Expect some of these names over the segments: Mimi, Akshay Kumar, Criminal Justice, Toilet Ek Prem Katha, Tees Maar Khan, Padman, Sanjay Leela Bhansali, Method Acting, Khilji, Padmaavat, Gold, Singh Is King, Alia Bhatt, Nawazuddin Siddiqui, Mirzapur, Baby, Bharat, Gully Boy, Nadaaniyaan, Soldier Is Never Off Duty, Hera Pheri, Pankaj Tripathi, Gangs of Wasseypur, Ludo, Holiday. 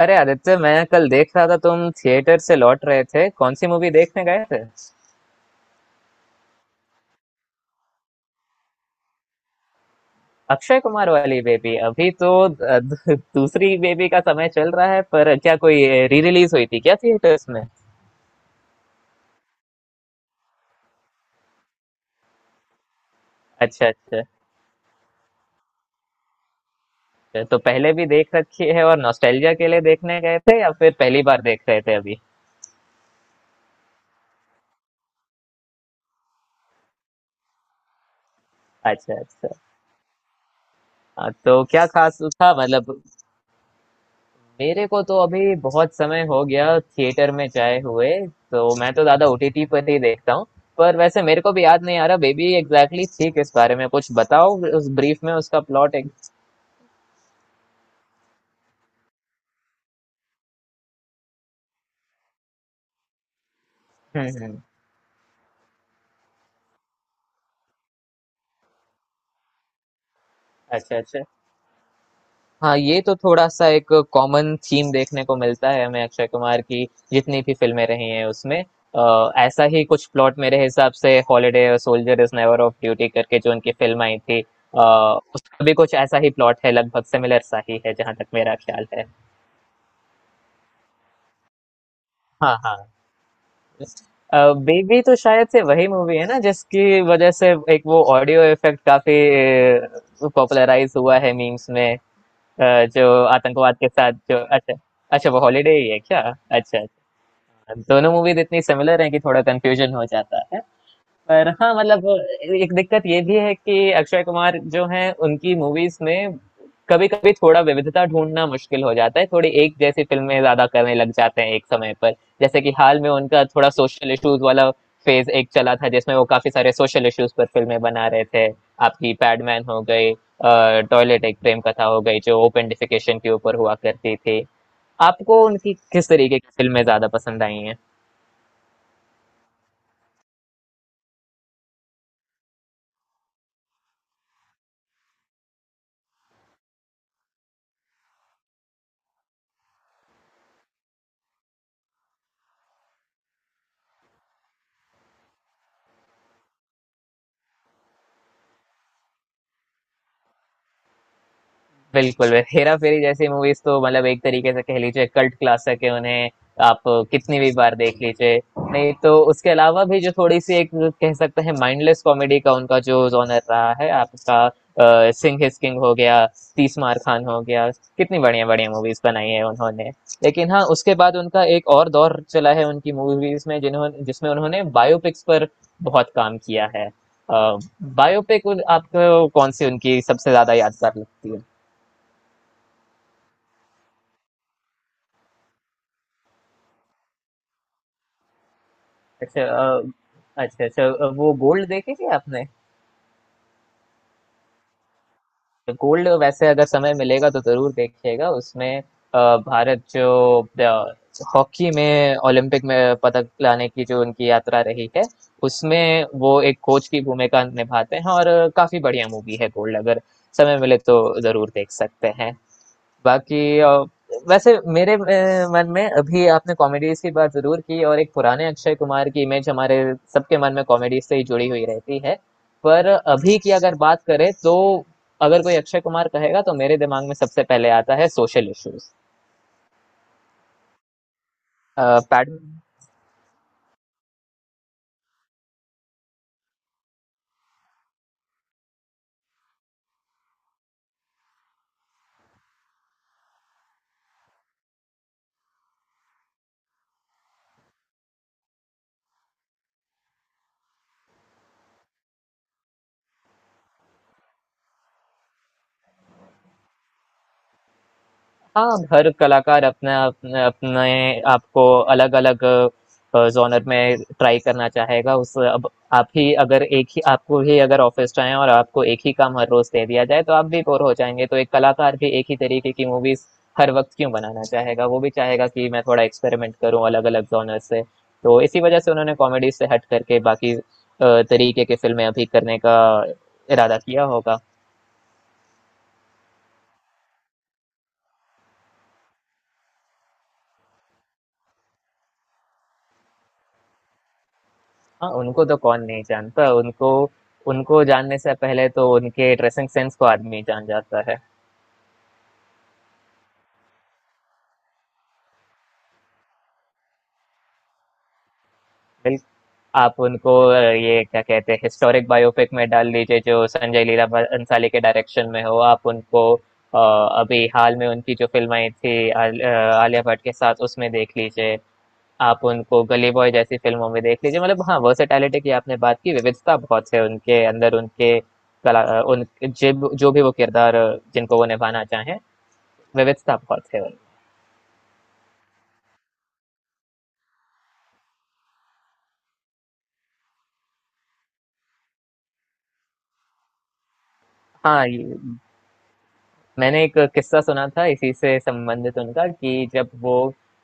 अरे आदित्य, मैं कल देख रहा था तुम थिएटर से लौट रहे थे। कौन सी मूवी देखने गए थे? अक्षय कुमार वाली बेबी? अभी तो दूसरी बेबी का समय चल रहा है, पर क्या कोई री रिलीज हुई थी क्या थिएटर्स में? अच्छा अच्छा। अच्छा, तो पहले भी देख रखी है और नॉस्टैल्जिया के लिए देखने गए थे या फिर पहली बार देख रहे थे अभी? अच्छा अच्छा। हाँ, तो क्या खास था मतलब? मेरे को तो अभी बहुत समय हो गया थिएटर में जाए हुए। तो मैं तो ज्यादा ओटीटी पर ही देखता हूँ। पर वैसे मेरे को भी याद नहीं आ रहा बेबी एग्जैक्टली थी किस बारे में। कुछ बताओ उस ब्रीफ में उसका प्लॉट एक। हम्म। अच्छा अच्छा। हाँ, ये तो थोड़ा सा एक कॉमन थीम देखने को मिलता है हमें। अक्षय कुमार की जितनी भी फिल्में रही हैं उसमें ऐसा ही कुछ प्लॉट मेरे हिसाब से हॉलिडे और soldier is never off duty करके जो उनकी फिल्म आई थी उसका भी कुछ ऐसा ही प्लॉट है, लगभग सिमिलर सा ही है जहां तक मेरा ख्याल है। हाँ हाँ। बेबी तो शायद से वही मूवी है ना जिसकी वजह से एक वो ऑडियो इफेक्ट काफी पॉपुलराइज हुआ है मीम्स में, जो आतंकवाद के साथ जो। अच्छा अच्छा, वो हॉलीडे ही है क्या? अच्छा अच्छा। दोनों मूवीज इतनी सिमिलर हैं कि थोड़ा कंफ्यूजन हो जाता है। पर हाँ, मतलब एक दिक्कत ये भी है कि अक्षय कुमार जो हैं उनकी मूवीज में कभी कभी थोड़ा विविधता ढूंढना मुश्किल हो जाता है। थोड़ी एक जैसी फिल्में ज्यादा करने लग जाते हैं एक समय पर। जैसे कि हाल में उनका थोड़ा सोशल इश्यूज वाला फेज एक चला था जिसमें वो काफी सारे सोशल इश्यूज पर फिल्में बना रहे थे। आपकी पैडमैन हो गई, टॉयलेट एक प्रेम कथा हो गई जो ओपेंडिफिकेशन के ऊपर हुआ करती थी। आपको उनकी किस तरीके की फिल्में ज्यादा पसंद आई हैं? बिल्कुल बिल्कुल। हेरा फेरी जैसी मूवीज तो मतलब एक तरीके से कह लीजिए कल्ट क्लासिक है उन्हें। आप कितनी भी बार देख लीजिए। नहीं तो उसके अलावा भी जो थोड़ी सी एक कह सकते हैं माइंडलेस कॉमेडी का उनका जो जॉनर रहा है आपका, सिंह इज किंग हो गया, तीस मार खान हो गया, कितनी बढ़िया बढ़िया मूवीज बनाई है उन्होंने। लेकिन हाँ, उसके बाद उनका एक और दौर चला है उनकी मूवीज में जिन्होंने जिसमें उन्होंने बायोपिक्स पर बहुत काम किया है। बायोपिक, आपको कौन सी उनकी सबसे ज्यादा यादगार लगती है? अच्छा। अच्छा अच्छा। वो गोल्ड देखी थी आपने? गोल्ड वैसे अगर समय मिलेगा तो जरूर देखिएगा। उसमें भारत जो अ, हॉकी में ओलंपिक में पदक लाने की जो उनकी यात्रा रही है, उसमें वो एक कोच की भूमिका निभाते हैं। और काफी बढ़िया मूवी है गोल्ड, अगर समय मिले तो जरूर देख सकते हैं। बाकी, वैसे मेरे मन में अभी आपने कॉमेडीज की बात जरूर की, और एक पुराने अक्षय कुमार की इमेज हमारे सबके मन में कॉमेडी से ही जुड़ी हुई रहती है। पर अभी की अगर बात करें तो अगर कोई अक्षय कुमार कहेगा तो मेरे दिमाग में सबसे पहले आता है सोशल इश्यूज। पैड। हाँ, हर कलाकार अपने अपने अपने आपको अलग अलग जॉनर में ट्राई करना चाहेगा। उस अब आप ही अगर एक ही आपको ही अगर ऑफिस जाए और आपको एक ही काम हर रोज दे दिया जाए तो आप भी बोर हो जाएंगे। तो एक कलाकार भी एक ही तरीके की मूवीज हर वक्त क्यों बनाना चाहेगा? वो भी चाहेगा कि मैं थोड़ा एक्सपेरिमेंट करूं अलग अलग जॉनर से। तो इसी वजह से उन्होंने कॉमेडी से हट करके बाकी तरीके के फिल्में अभी करने का इरादा किया होगा। हाँ, उनको तो कौन नहीं जानता उनको। उनको जानने से पहले तो उनके ड्रेसिंग सेंस को आदमी जान जाता है। बिल आप उनको, ये क्या कहते हैं हिस्टोरिक बायोपिक में डाल दीजिए जो संजय लीला अंसाली के डायरेक्शन में हो। आप उनको, अभी हाल में उनकी जो फिल्म आई थी आलिया भट्ट के साथ, उसमें देख लीजिए। आप उनको गली बॉय जैसी फिल्मों में देख लीजिए। मतलब हाँ, वर्सेटैलिटी की आपने बात की, विविधता बहुत है उनके अंदर। उनके कला, उन जो भी वो किरदार जिनको वो निभाना चाहें, विविध स्थापकॉट सेवन। हाँ, ये मैंने एक किस्सा सुना था इसी से संबंधित उनका कि जब वो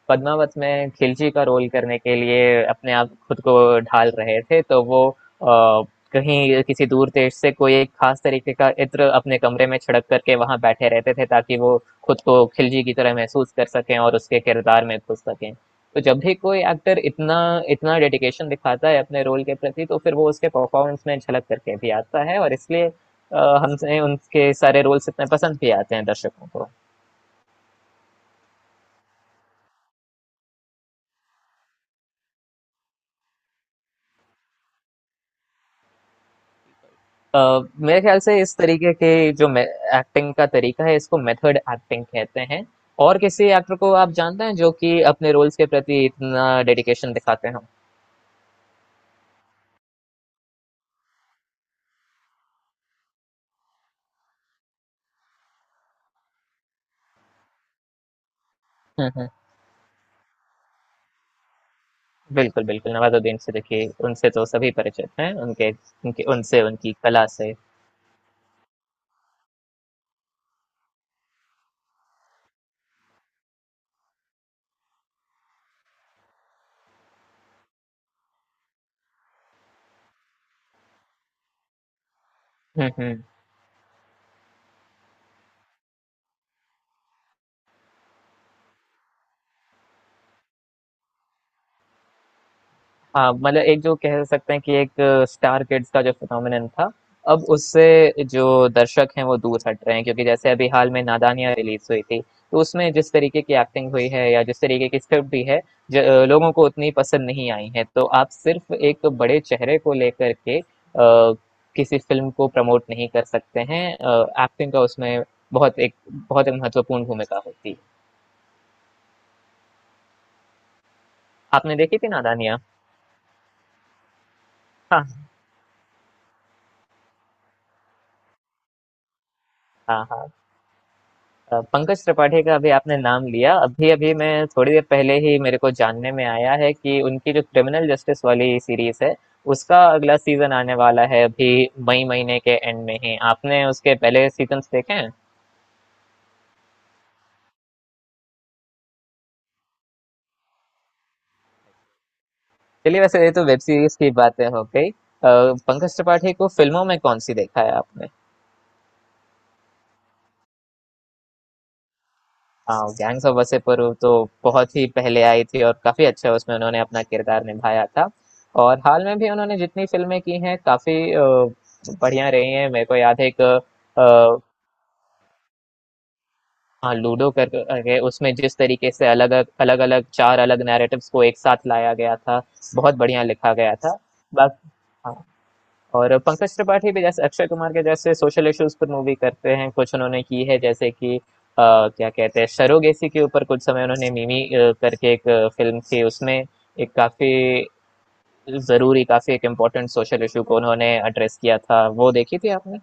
पद्मावत में खिलजी का रोल करने के लिए अपने आप खुद को ढाल रहे थे तो वो, कहीं किसी दूर देश से कोई एक खास तरीके का इत्र अपने कमरे में छिड़क करके वहां बैठे रहते थे ताकि वो खुद को खिलजी की तरह महसूस कर सकें और उसके किरदार में घुस सकें। तो जब भी कोई एक्टर इतना इतना डेडिकेशन दिखाता है अपने रोल के प्रति, तो फिर वो उसके परफॉर्मेंस में झलक करके भी आता है। और इसलिए अ, हमसे उनके सारे रोल्स इतने पसंद भी आते हैं दर्शकों को। अ, मेरे ख्याल से इस तरीके के जो एक्टिंग का तरीका है इसको मेथड एक्टिंग कहते हैं। और किसी एक्टर को आप जानते हैं जो कि अपने रोल्स के प्रति इतना डेडिकेशन दिखाते हो? हम्म। बिल्कुल बिल्कुल, नवाजुद्दीन सिद्दीकी उनसे तो सभी परिचित हैं, उनके उनके उनसे उनकी कला से। हम्म। हाँ, मतलब एक जो कह सकते हैं कि एक स्टार किड्स का जो फिनोमिनन था, अब उससे जो दर्शक हैं वो दूर हट रहे हैं। क्योंकि जैसे अभी हाल में नादानियाँ रिलीज हुई थी, तो उसमें जिस तरीके की एक्टिंग हुई है या जिस तरीके की स्क्रिप्ट भी है लोगों को उतनी पसंद नहीं आई है। तो आप सिर्फ एक बड़े चेहरे को लेकर के, किसी फिल्म को प्रमोट नहीं कर सकते हैं। एक्टिंग का उसमें बहुत एक बहुत एक महत्वपूर्ण भूमिका होती है। आपने देखी थी नादानियाँ? हाँ हाँ हाँ। पंकज त्रिपाठी का अभी आपने नाम लिया। अभी अभी मैं थोड़ी देर पहले ही मेरे को जानने में आया है कि उनकी जो क्रिमिनल जस्टिस वाली सीरीज है उसका अगला सीजन आने वाला है, अभी मई महीने के एंड में ही। आपने उसके पहले सीजन्स देखे हैं? चलिए, वैसे ये तो वेब सीरीज की बातें हो गई। पंकज त्रिपाठी को फिल्मों में कौन सी देखा है आपने? हाँ, गैंग्स ऑफ वासेपुरु तो बहुत ही पहले आई थी और काफी अच्छा उसमें उन्होंने अपना किरदार निभाया था। और हाल में भी उन्होंने जितनी फिल्में की हैं काफी बढ़िया रही हैं। मेरे को याद है एक, हाँ, लूडो कर करके। उसमें जिस तरीके से अलग अलग अलग चार अलग नैरेटिव्स को एक साथ लाया गया था, बहुत बढ़िया लिखा गया था। बस। और पंकज त्रिपाठी भी जैसे अक्षय कुमार के जैसे सोशल इश्यूज पर मूवी करते हैं, कुछ उन्होंने की है। जैसे कि क्या कहते हैं सरोगेसी के ऊपर कुछ समय उन्होंने मिमी करके एक फिल्म थी उसमें। एक काफी जरूरी, काफी एक इम्पोर्टेंट सोशल इशू को उन्होंने एड्रेस किया था। वो देखी थी आपने?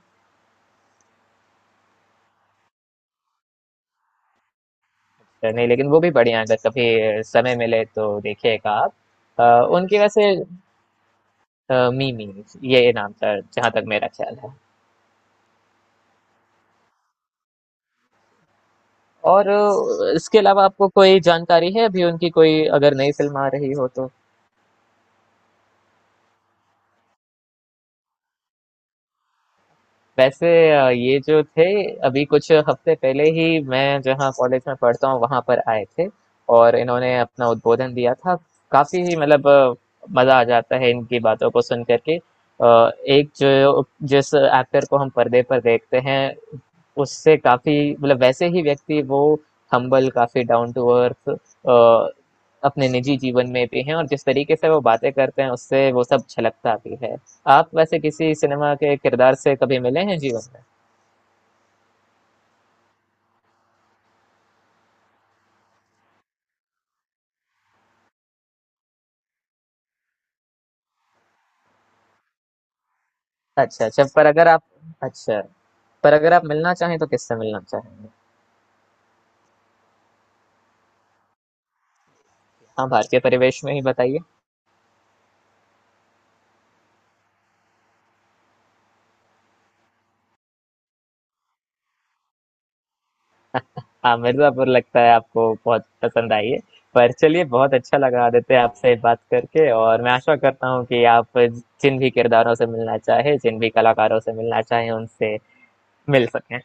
नहीं लेकिन वो भी बढ़िया है, अगर कभी समय मिले तो देखिएगा आप। अ, उनकी वैसे, मिमी ये नाम था जहाँ तक मेरा ख्याल है। और इसके अलावा आपको कोई जानकारी है अभी उनकी कोई अगर नई फिल्म आ रही हो तो? वैसे, ये जो थे अभी कुछ हफ्ते पहले ही मैं जहाँ कॉलेज में पढ़ता हूँ वहाँ पर आए थे और इन्होंने अपना उद्बोधन दिया था। काफी ही मतलब मजा आ जाता है इनकी बातों को सुन करके। एक जो जिस एक्टर को हम पर्दे पर देखते हैं उससे काफी मतलब वैसे ही व्यक्ति वो, हम्बल, काफी डाउन टू अर्थ अपने निजी जीवन में भी हैं। और जिस तरीके से वो बातें करते हैं उससे वो सब छलकता भी है। आप वैसे किसी सिनेमा के किरदार से कभी मिले हैं जीवन में? अच्छा अच्छा। पर अगर आप अच्छा, पर अगर आप मिलना चाहें तो किससे मिलना चाहेंगे? हाँ, भारतीय परिवेश में ही बताइए। हाँ, मिर्ज़ापुर लगता है आपको बहुत पसंद आई है। पर चलिए, बहुत अच्छा लगा आदित्य आपसे बात करके। और मैं आशा करता हूँ कि आप जिन भी किरदारों से मिलना चाहे, जिन भी कलाकारों से मिलना चाहे उनसे मिल सकें।